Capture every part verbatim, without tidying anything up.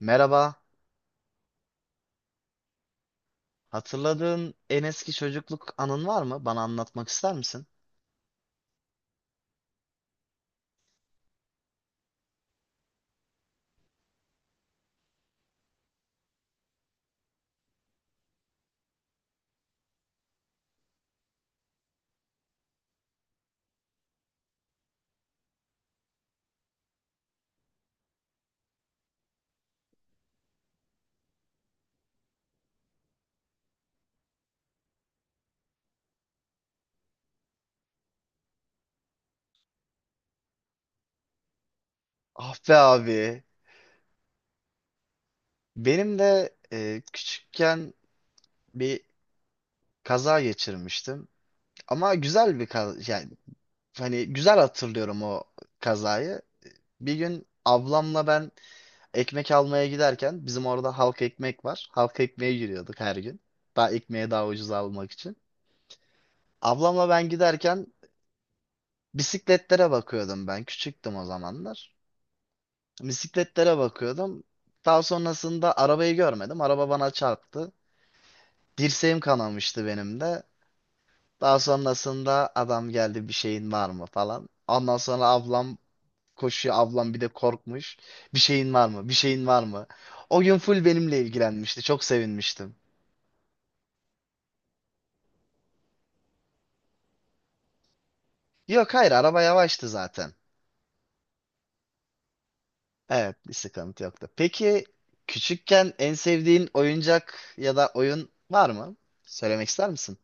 Merhaba. Hatırladığın en eski çocukluk anın var mı? Bana anlatmak ister misin? Ah be abi. Benim de e, küçükken bir kaza geçirmiştim. Ama güzel bir kaza. Yani hani güzel hatırlıyorum o kazayı. Bir gün ablamla ben ekmek almaya giderken bizim orada halk ekmek var. Halk ekmeğe giriyorduk her gün. Daha ekmeği daha ucuz almak için. Ablamla ben giderken bisikletlere bakıyordum ben. Küçüktüm o zamanlar. Bisikletlere bakıyordum. Daha sonrasında arabayı görmedim. Araba bana çarptı. Dirseğim kanamıştı benim de. Daha sonrasında adam geldi bir şeyin var mı falan. Ondan sonra ablam koşuyor. Ablam bir de korkmuş. Bir şeyin var mı? Bir şeyin var mı? O gün full benimle ilgilenmişti. Çok sevinmiştim. Yok hayır, araba yavaştı zaten. Evet, bir sıkıntı yoktu. Peki, küçükken en sevdiğin oyuncak ya da oyun var mı? Söylemek ister misin?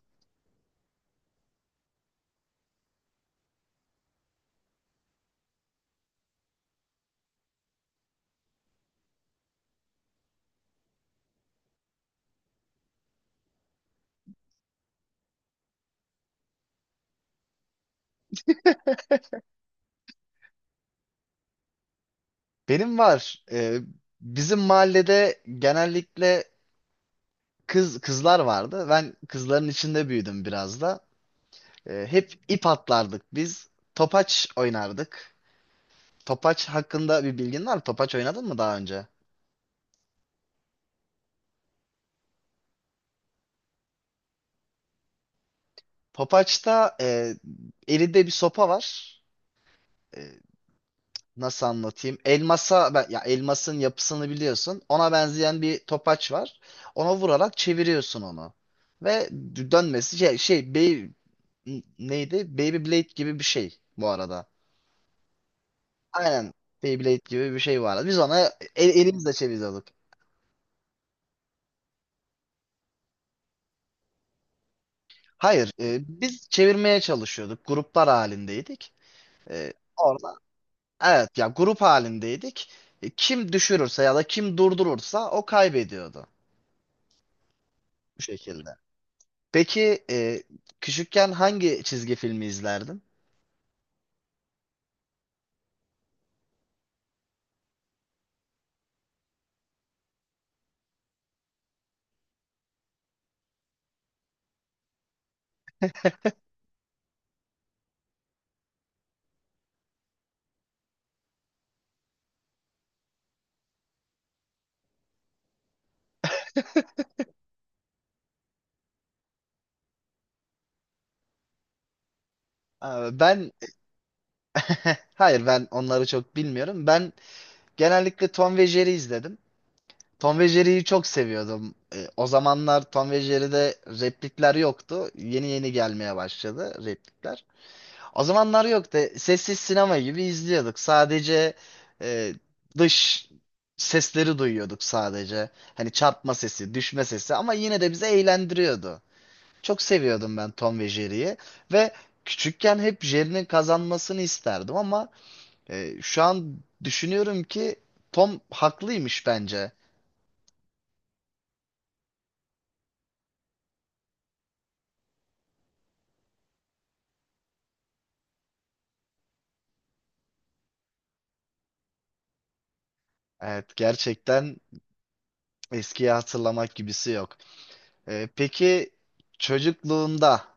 Benim var. Ee, bizim mahallede genellikle kız kızlar vardı. Ben kızların içinde büyüdüm biraz da. Ee, hep ip atlardık biz. Topaç oynardık. Topaç hakkında bir bilgin var mı? Topaç oynadın mı daha önce? Topaçta e, elinde bir sopa var. E, nasıl anlatayım? Elmasa, ben- ya elmasın yapısını biliyorsun. Ona benzeyen bir topaç var. Ona vurarak çeviriyorsun onu. Ve dönmesi şey, şey N- neydi? Beyblade gibi bir şey bu arada. Aynen Beyblade gibi bir şey vardı. Biz ona el, elimizle çeviriyorduk. Hayır, e, biz çevirmeye çalışıyorduk. Gruplar halindeydik. E, orada evet ya, grup halindeydik. E, kim düşürürse ya da kim durdurursa o kaybediyordu bu şekilde. Peki, e, küçükken hangi çizgi filmi izlerdin? Ee, Ben hayır, ben onları çok bilmiyorum. Ben genellikle Tom ve Jerry izledim. Tom ve Jerry'yi çok seviyordum. E, o zamanlar Tom ve Jerry'de replikler yoktu. Yeni yeni gelmeye başladı replikler. O zamanlar yoktu. Sessiz sinema gibi izliyorduk. Sadece e, dış sesleri duyuyorduk sadece. Hani çarpma sesi, düşme sesi, ama yine de bizi eğlendiriyordu. Çok seviyordum ben Tom ve Jerry'yi ve küçükken hep Jerry'nin kazanmasını isterdim ama e, şu an düşünüyorum ki Tom haklıymış bence. Evet, gerçekten eskiyi hatırlamak gibisi yok. Ee, peki, çocukluğunda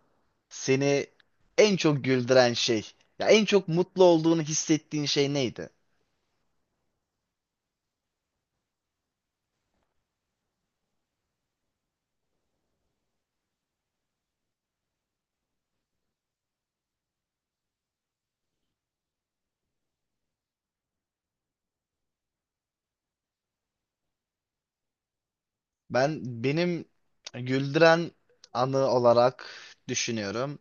seni en çok güldüren şey, ya en çok mutlu olduğunu hissettiğin şey neydi? Ben benim güldüren anı olarak düşünüyorum.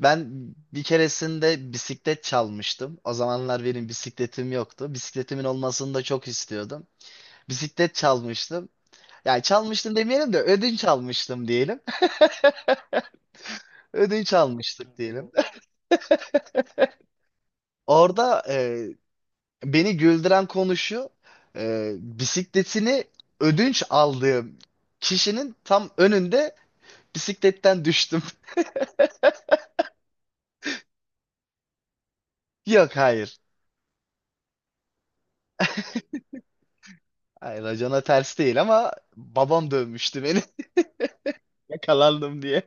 Ben bir keresinde bisiklet çalmıştım. O zamanlar benim bisikletim yoktu. Bisikletimin olmasını da çok istiyordum. Bisiklet çalmıştım. Yani çalmıştım demeyelim de ödünç almıştım diyelim. Ödünç almıştık diyelim. Orada e, beni güldüren konu şu, e, bisikletini ödünç aldığım kişinin tam önünde bisikletten düştüm. Yok, hayır. Hayır, racona ters değil ama babam dövmüştü beni yakalandım diye.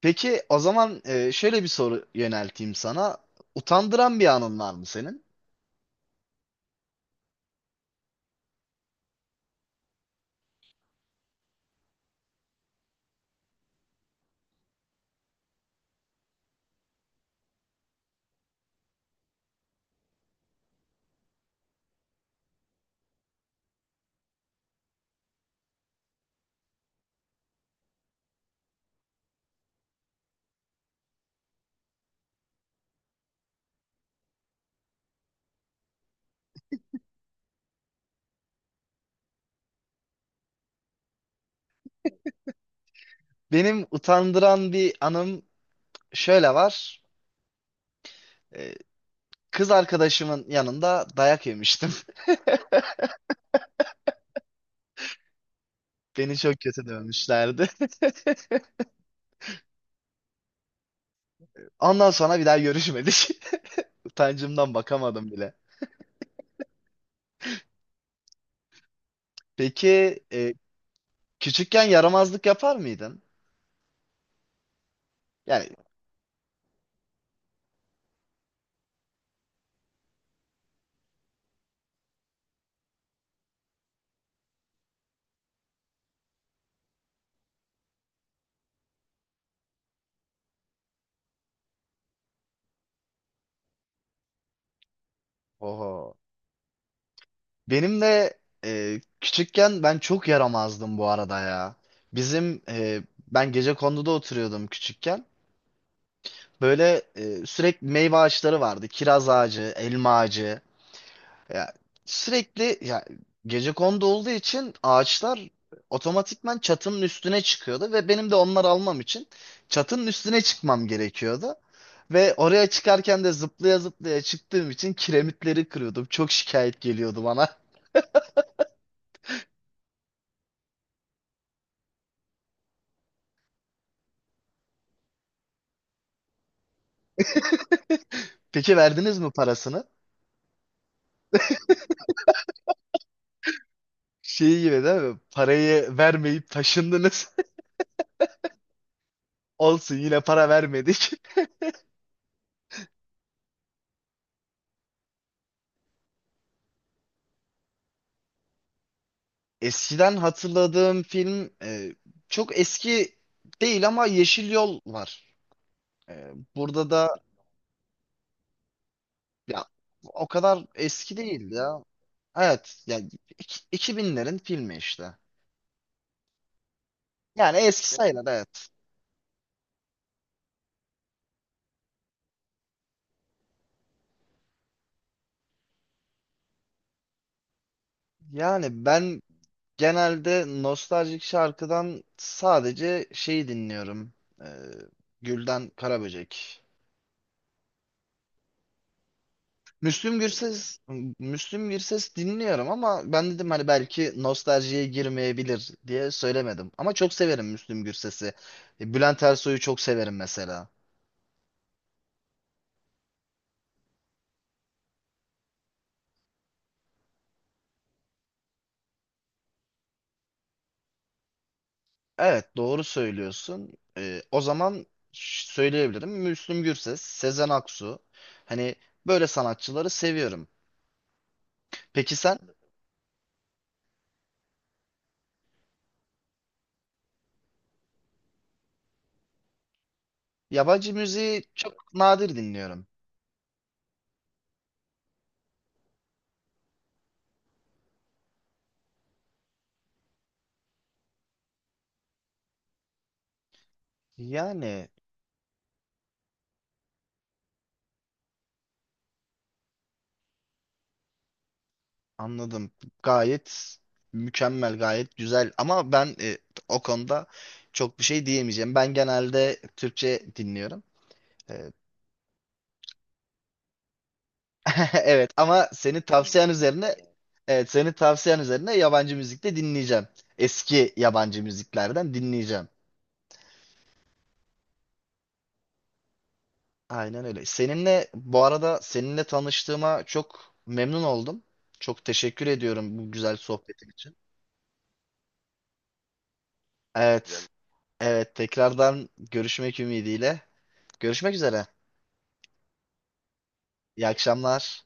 Peki, o zaman e, şöyle bir soru yönelteyim sana. Utandıran bir anın var mı senin? Benim utandıran bir anım şöyle var. E, kız arkadaşımın yanında dayak yemiştim. Beni çok kötü dövmüşlerdi. Ondan sonra bir daha görüşmedik. Utancımdan bakamadım bile. Peki, e, küçükken yaramazlık yapar mıydın? Yani oho. Benim de e, küçükken ben çok yaramazdım bu arada ya. Bizim e, ben Gecekondu'da oturuyordum küçükken. Böyle e, sürekli meyve ağaçları vardı. Kiraz ağacı, elma ağacı. Ya sürekli ya gecekondu olduğu için ağaçlar otomatikman çatının üstüne çıkıyordu ve benim de onları almam için çatının üstüne çıkmam gerekiyordu. Ve oraya çıkarken de zıplaya zıplaya çıktığım için kiremitleri kırıyordum. Çok şikayet geliyordu bana. Peki, verdiniz mi parasını? Şey gibi değil mi? Parayı vermeyip taşındınız. Olsun, yine para vermedik. Eskiden hatırladığım film e, çok eski değil ama Yeşil Yol var. Ee, burada da ya o kadar eski değil ya. Evet yani iki- 2000'lerin filmi işte. Yani eski sayılır, evet. Yani ben genelde nostaljik şarkıdan sadece şeyi dinliyorum. Ee, Gülden Karaböcek. Müslüm Gürses Müslüm Gürses dinliyorum ama ben dedim hani belki nostaljiye girmeyebilir diye söylemedim. Ama çok severim Müslüm Gürses'i. Bülent Ersoy'u çok severim mesela. Evet, doğru söylüyorsun. Ee, o zaman ş- söyleyebilirim. Müslüm Gürses, Sezen Aksu. Hani böyle sanatçıları seviyorum. Peki sen? Yabancı müziği çok nadir dinliyorum. Yani anladım. Gayet mükemmel, gayet güzel. Ama ben e, o konuda çok bir şey diyemeyeceğim. Ben genelde Türkçe dinliyorum. Ee, Evet, ama senin tavsiyen üzerine evet senin tavsiyen üzerine yabancı müzik de dinleyeceğim. Eski yabancı müziklerden dinleyeceğim. Aynen öyle. Seninle bu arada seninle tanıştığıma çok memnun oldum. Çok teşekkür ediyorum bu güzel sohbetin için. Yani evet. Evet, tekrardan görüşmek ümidiyle. Görüşmek üzere. İyi akşamlar.